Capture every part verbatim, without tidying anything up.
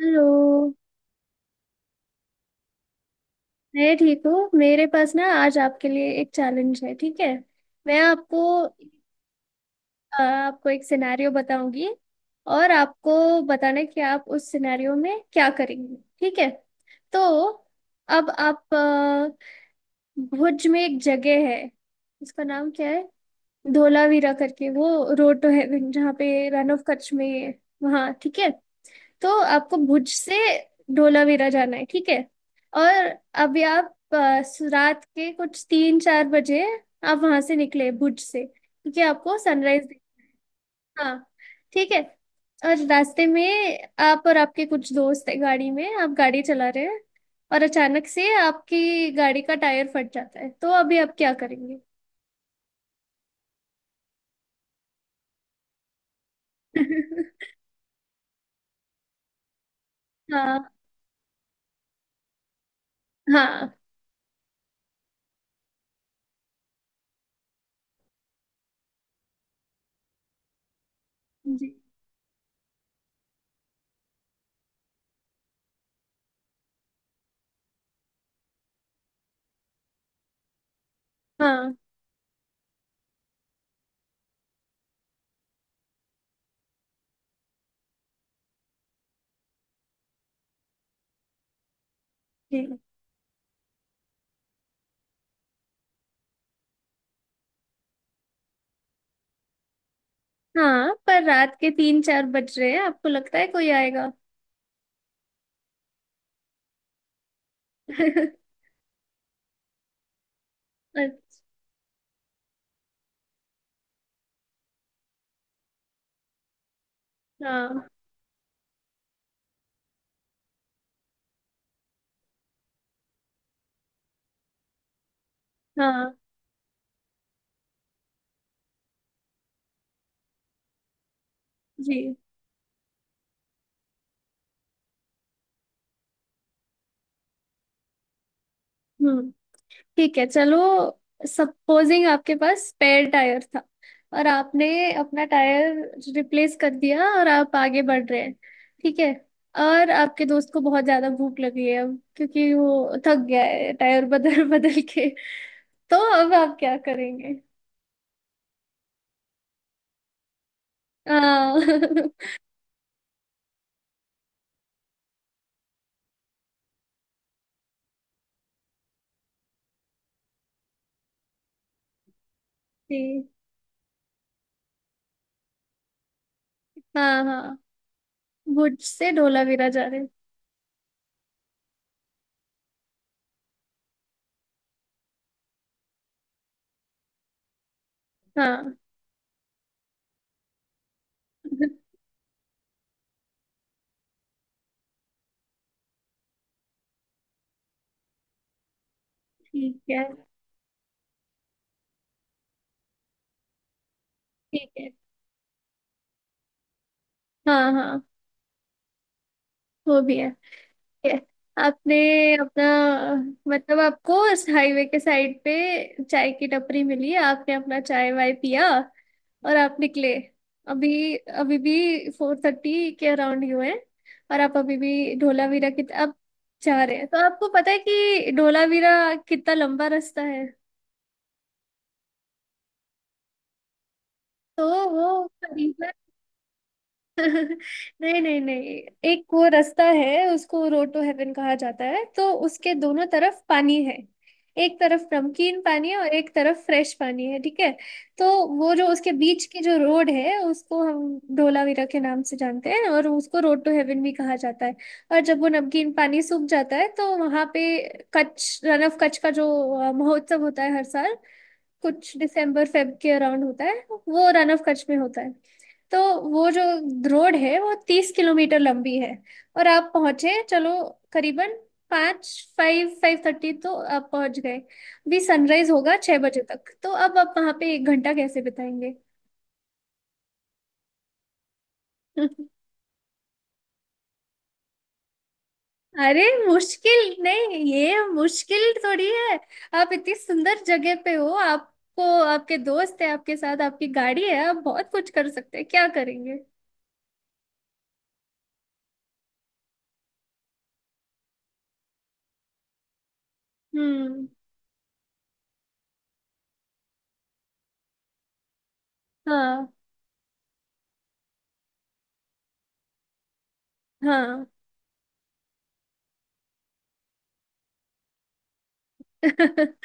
Hello. मैं ठीक हूँ। मेरे पास ना आज आपके लिए एक चैलेंज है, ठीक है। मैं आपको अ, आपको एक सिनेरियो बताऊंगी। और आपको बताना है कि आप उस सिनेरियो में क्या करेंगे, ठीक है। तो अब आप अ, भुज में एक जगह है, उसका नाम क्या है, धोलावीरा करके। वो रोड तो है जहाँ पे, रन ऑफ कच्छ में है वहाँ, ठीक है। तो आपको भुज से धोलावीरा जाना है, ठीक है। और अभी आप अ, रात के कुछ तीन चार बजे आप वहां से निकले भुज से, क्योंकि आपको सनराइज। हाँ, ठीक है। और रास्ते में आप और आपके कुछ दोस्त है गाड़ी में, आप गाड़ी चला रहे हैं। और अचानक से आपकी गाड़ी का टायर फट जाता है, तो अभी आप क्या करेंगे। हाँ। हाँ। जी। हाँ। जी। हाँ, पर रात के तीन चार बज रहे हैं, आपको लगता है कोई आएगा? अच्छा। हाँ। जी। हम्म, ठीक है, चलो। सपोजिंग आपके पास स्पेयर टायर था, और आपने अपना टायर रिप्लेस कर दिया और आप आगे बढ़ रहे हैं, ठीक है। और आपके दोस्त को बहुत ज्यादा भूख लगी है अब, क्योंकि वो थक गया है टायर बदल बदल के। तो अब आप क्या करेंगे? हाँ। जी। हाँ, हाँ, भुज से ढोलावीरा जा रहे हैं। हाँ। ठीक है। ठीक है, हाँ, हाँ, वो भी है। ये आपने अपना मतलब आपको इस हाईवे के साइड पे चाय की टपरी मिली, आपने अपना चाय वाय पिया और आप निकले। अभी अभी भी फोर थर्टी के अराउंड ही हुए हैं। और आप अभी भी धोलावीरा की अब जा रहे हैं, तो आपको पता है कि धोलावीरा कितना लंबा रास्ता है? तो वो करीबन नहीं, नहीं, नहीं। एक वो रास्ता है, उसको रोड टू हेवन कहा जाता है। तो उसके दोनों तरफ पानी है, एक तरफ नमकीन पानी है और एक तरफ फ्रेश पानी है, ठीक है। तो वो जो उसके बीच की जो रोड है, उसको हम धोलावीरा के नाम से जानते हैं, और उसको रोड टू हेवन भी कहा जाता है। और जब वो नमकीन पानी सूख जाता है, तो वहां पे कच्छ, रन ऑफ कच्छ का जो अ, महोत्सव होता है हर साल, कुछ दिसंबर फेब के अराउंड होता है, वो रन ऑफ कच्छ में होता है। तो वो जो रोड है, वो तीस किलोमीटर लंबी है। और आप पहुंचे, चलो, करीबन पाँच, फाइव, फाइव थर्टी, तो आप पहुंच गए। भी सनराइज होगा छह बजे तक, तो अब आप वहां पे एक घंटा कैसे बिताएंगे? अरे मुश्किल नहीं, ये मुश्किल थोड़ी है। आप इतनी सुंदर जगह पे हो, आपको, आपके दोस्त है आपके साथ, आपकी गाड़ी है, आप बहुत कुछ कर सकते हैं, क्या करेंगे? हम्म। हाँ, हाँ।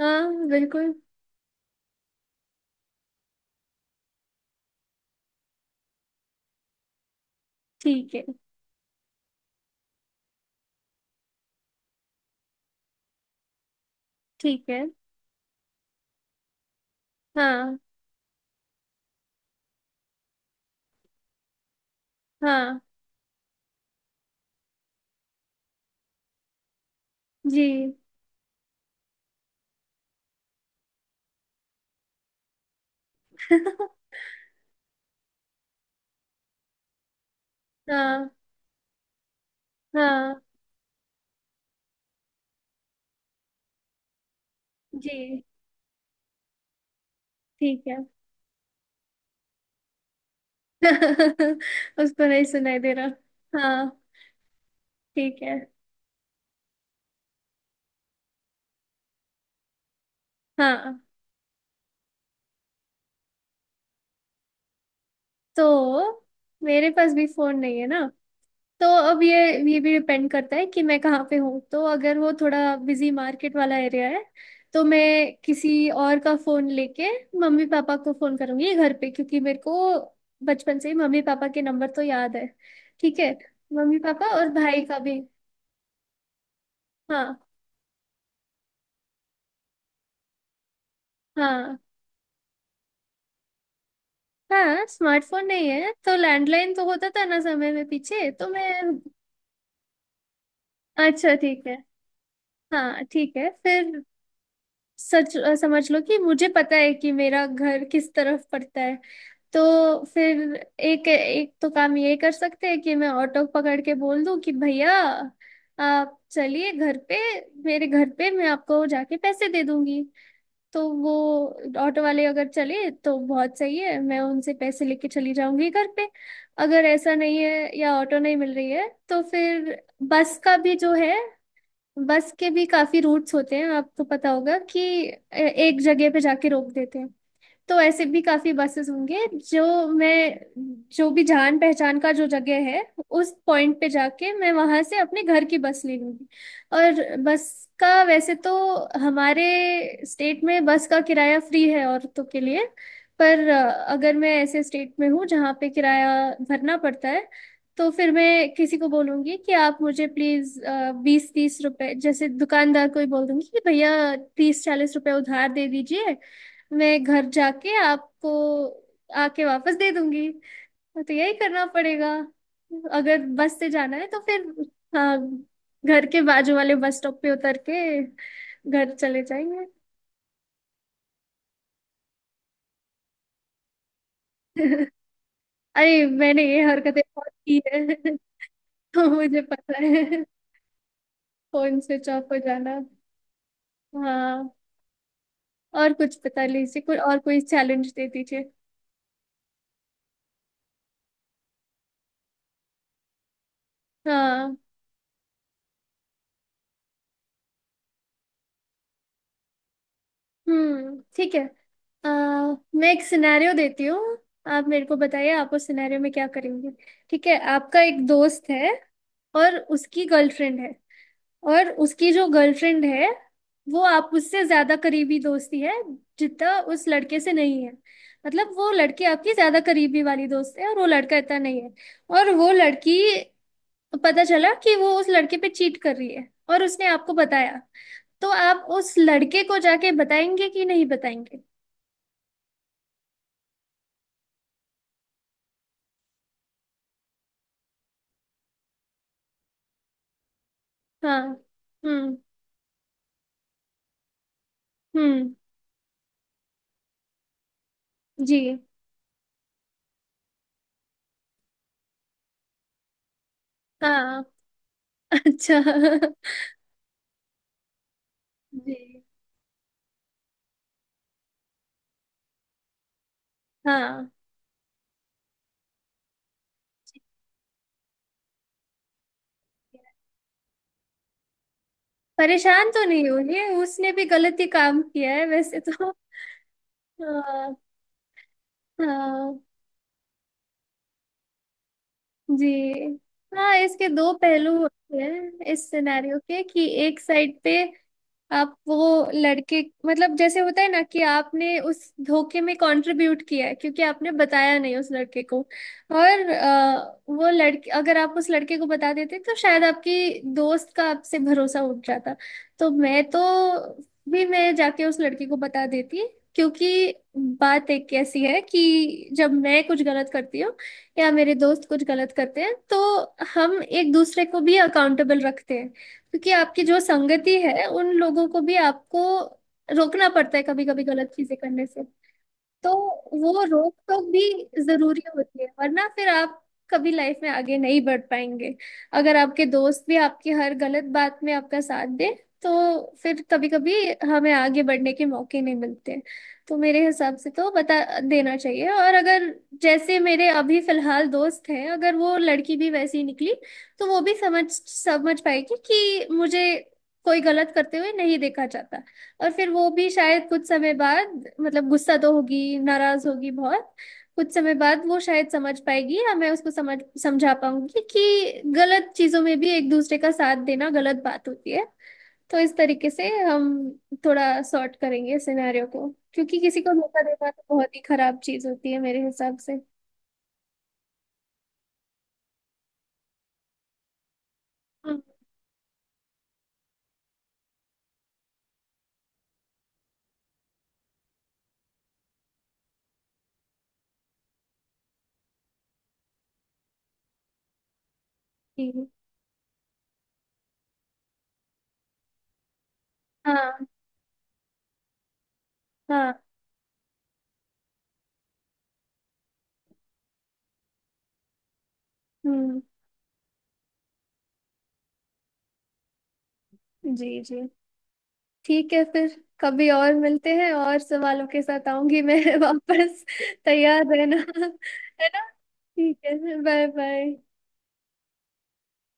हाँ, बिल्कुल। ठीक है। ठीक है। हाँ, हाँ। जी। हाँ, हाँ। जी, ठीक है। उसको नहीं सुनाई दे रहा, हाँ। ठीक है। हाँ, तो मेरे पास भी फोन नहीं है ना। तो अब ये ये भी डिपेंड करता है कि मैं कहाँ पे हूँ। तो अगर वो थोड़ा बिजी मार्केट वाला एरिया है, तो मैं किसी और का फोन लेके मम्मी पापा को फोन करूंगी घर पे, क्योंकि मेरे को बचपन से ही मम्मी पापा के नंबर तो याद है, ठीक है, मम्मी पापा और भाई का भी। हाँ। हाँ। हाँ, स्मार्टफोन नहीं है तो लैंडलाइन तो होता था ना समय में पीछे, तो मैं। अच्छा, ठीक है। हाँ, ठीक है फिर। सच अ, समझ लो कि मुझे पता है कि मेरा घर किस तरफ पड़ता है। तो फिर एक एक तो काम ये कर सकते हैं कि मैं ऑटो पकड़ के बोल दूं कि भैया आप चलिए घर पे, मेरे घर पे मैं आपको जाके पैसे दे दूंगी। तो वो ऑटो वाले अगर चले तो बहुत सही है, मैं उनसे पैसे लेके चली जाऊंगी घर पे। अगर ऐसा नहीं है या ऑटो नहीं मिल रही है, तो फिर बस का भी जो है, बस के भी काफी रूट्स होते हैं, आपको पता होगा कि ए- एक जगह पे जाके रोक देते हैं। तो ऐसे भी काफी बसेस होंगे जो, मैं जो भी जान पहचान का जो जगह है, उस पॉइंट पे जाके मैं वहां से अपने घर की बस ले लूंगी। और बस का वैसे तो, हमारे स्टेट में बस का किराया फ्री है औरतों के लिए। पर अ, अगर मैं ऐसे स्टेट में हूँ जहाँ पे किराया भरना पड़ता है, तो फिर मैं किसी को बोलूंगी कि आप मुझे प्लीज बीस तीस रुपए, जैसे दुकानदार को ही बोल दूंगी कि भैया तीस चालीस रुपए उधार दे दीजिए, मैं घर जाके आपको आके वापस दे दूंगी। तो यही करना पड़ेगा अगर बस से जाना है। तो फिर हाँ, घर के बाजू वाले बस स्टॉप पे उतर के घर चले जाएंगे। अरे, मैंने ये हरकतें बहुत की है। तो मुझे पता है फोन स्विच ऑफ हो जाना। हाँ। और कुछ पता लीजिए, कोई और कोई चैलेंज दे दीजिए। हाँ। हम्म, ठीक है। अ, मैं एक सिनेरियो देती हूँ, आप मेरे को बताइए आप उस सिनेरियो में क्या करेंगे। ठीक है, आपका एक दोस्त है, और उसकी गर्लफ्रेंड है। और उसकी जो गर्लफ्रेंड है, वो आप उससे ज्यादा करीबी दोस्ती है जितना उस लड़के से नहीं है। मतलब वो लड़की आपकी ज्यादा करीबी वाली दोस्त है, और वो लड़का इतना नहीं है। और वो लड़की, पता चला कि वो उस लड़के पे चीट कर रही है, और उसने आपको बताया। तो आप उस लड़के को जाके बताएंगे कि नहीं बताएंगे? हाँ। हम्म। हम्म। जी। हाँ। अच्छा। जी। हाँ, परेशान तो नहीं होगी, उसने भी गलत ही काम किया है वैसे तो। हाँ, हाँ। जी। हाँ, इसके दो पहलू होते हैं इस सिनेरियो के, कि एक साइड पे आप वो लड़के, मतलब जैसे होता है ना कि आपने उस धोखे में कंट्रीब्यूट किया है, क्योंकि आपने बताया नहीं उस लड़के को, और अ, वो लड़के, अगर आप उस लड़के को बता देते तो शायद आपकी दोस्त का आपसे भरोसा उठ जाता। तो मैं तो भी मैं जाके उस लड़के को बता देती, क्योंकि बात एक ऐसी है कि जब मैं कुछ गलत करती हूँ या मेरे दोस्त कुछ गलत करते हैं, तो हम एक दूसरे को भी अकाउंटेबल रखते हैं, क्योंकि आपकी जो संगति है उन लोगों को भी आपको रोकना पड़ता है कभी कभी गलत चीजें करने से। तो वो रोक टोक भी जरूरी होती है, वरना फिर आप कभी लाइफ में आगे नहीं बढ़ पाएंगे। अगर आपके दोस्त भी आपकी हर गलत बात में आपका साथ दे, तो फिर कभी कभी हमें आगे बढ़ने के मौके नहीं मिलते। तो मेरे हिसाब से तो बता देना चाहिए। और अगर जैसे मेरे अभी फिलहाल दोस्त हैं, अगर वो लड़की भी वैसी ही निकली, तो वो भी समझ समझ पाएगी कि मुझे कोई गलत करते हुए नहीं देखा जाता। और फिर वो भी शायद कुछ समय बाद, मतलब गुस्सा तो होगी, नाराज होगी बहुत, कुछ समय बाद वो शायद समझ पाएगी या मैं उसको समझ समझा पाऊंगी कि गलत चीजों में भी एक दूसरे का साथ देना गलत बात होती है। तो इस तरीके से हम थोड़ा सॉर्ट करेंगे सिनेरियो को, क्योंकि किसी को धोखा देना तो बहुत ही खराब चीज होती है मेरे हिसाब से। हम्म। जी। हाँ। हाँ। हम्म। जी, जी, ठीक है फिर। कभी और मिलते हैं और सवालों के साथ आऊंगी मैं वापस। तैयार रहना है ना। ठीक है, बाय बाय।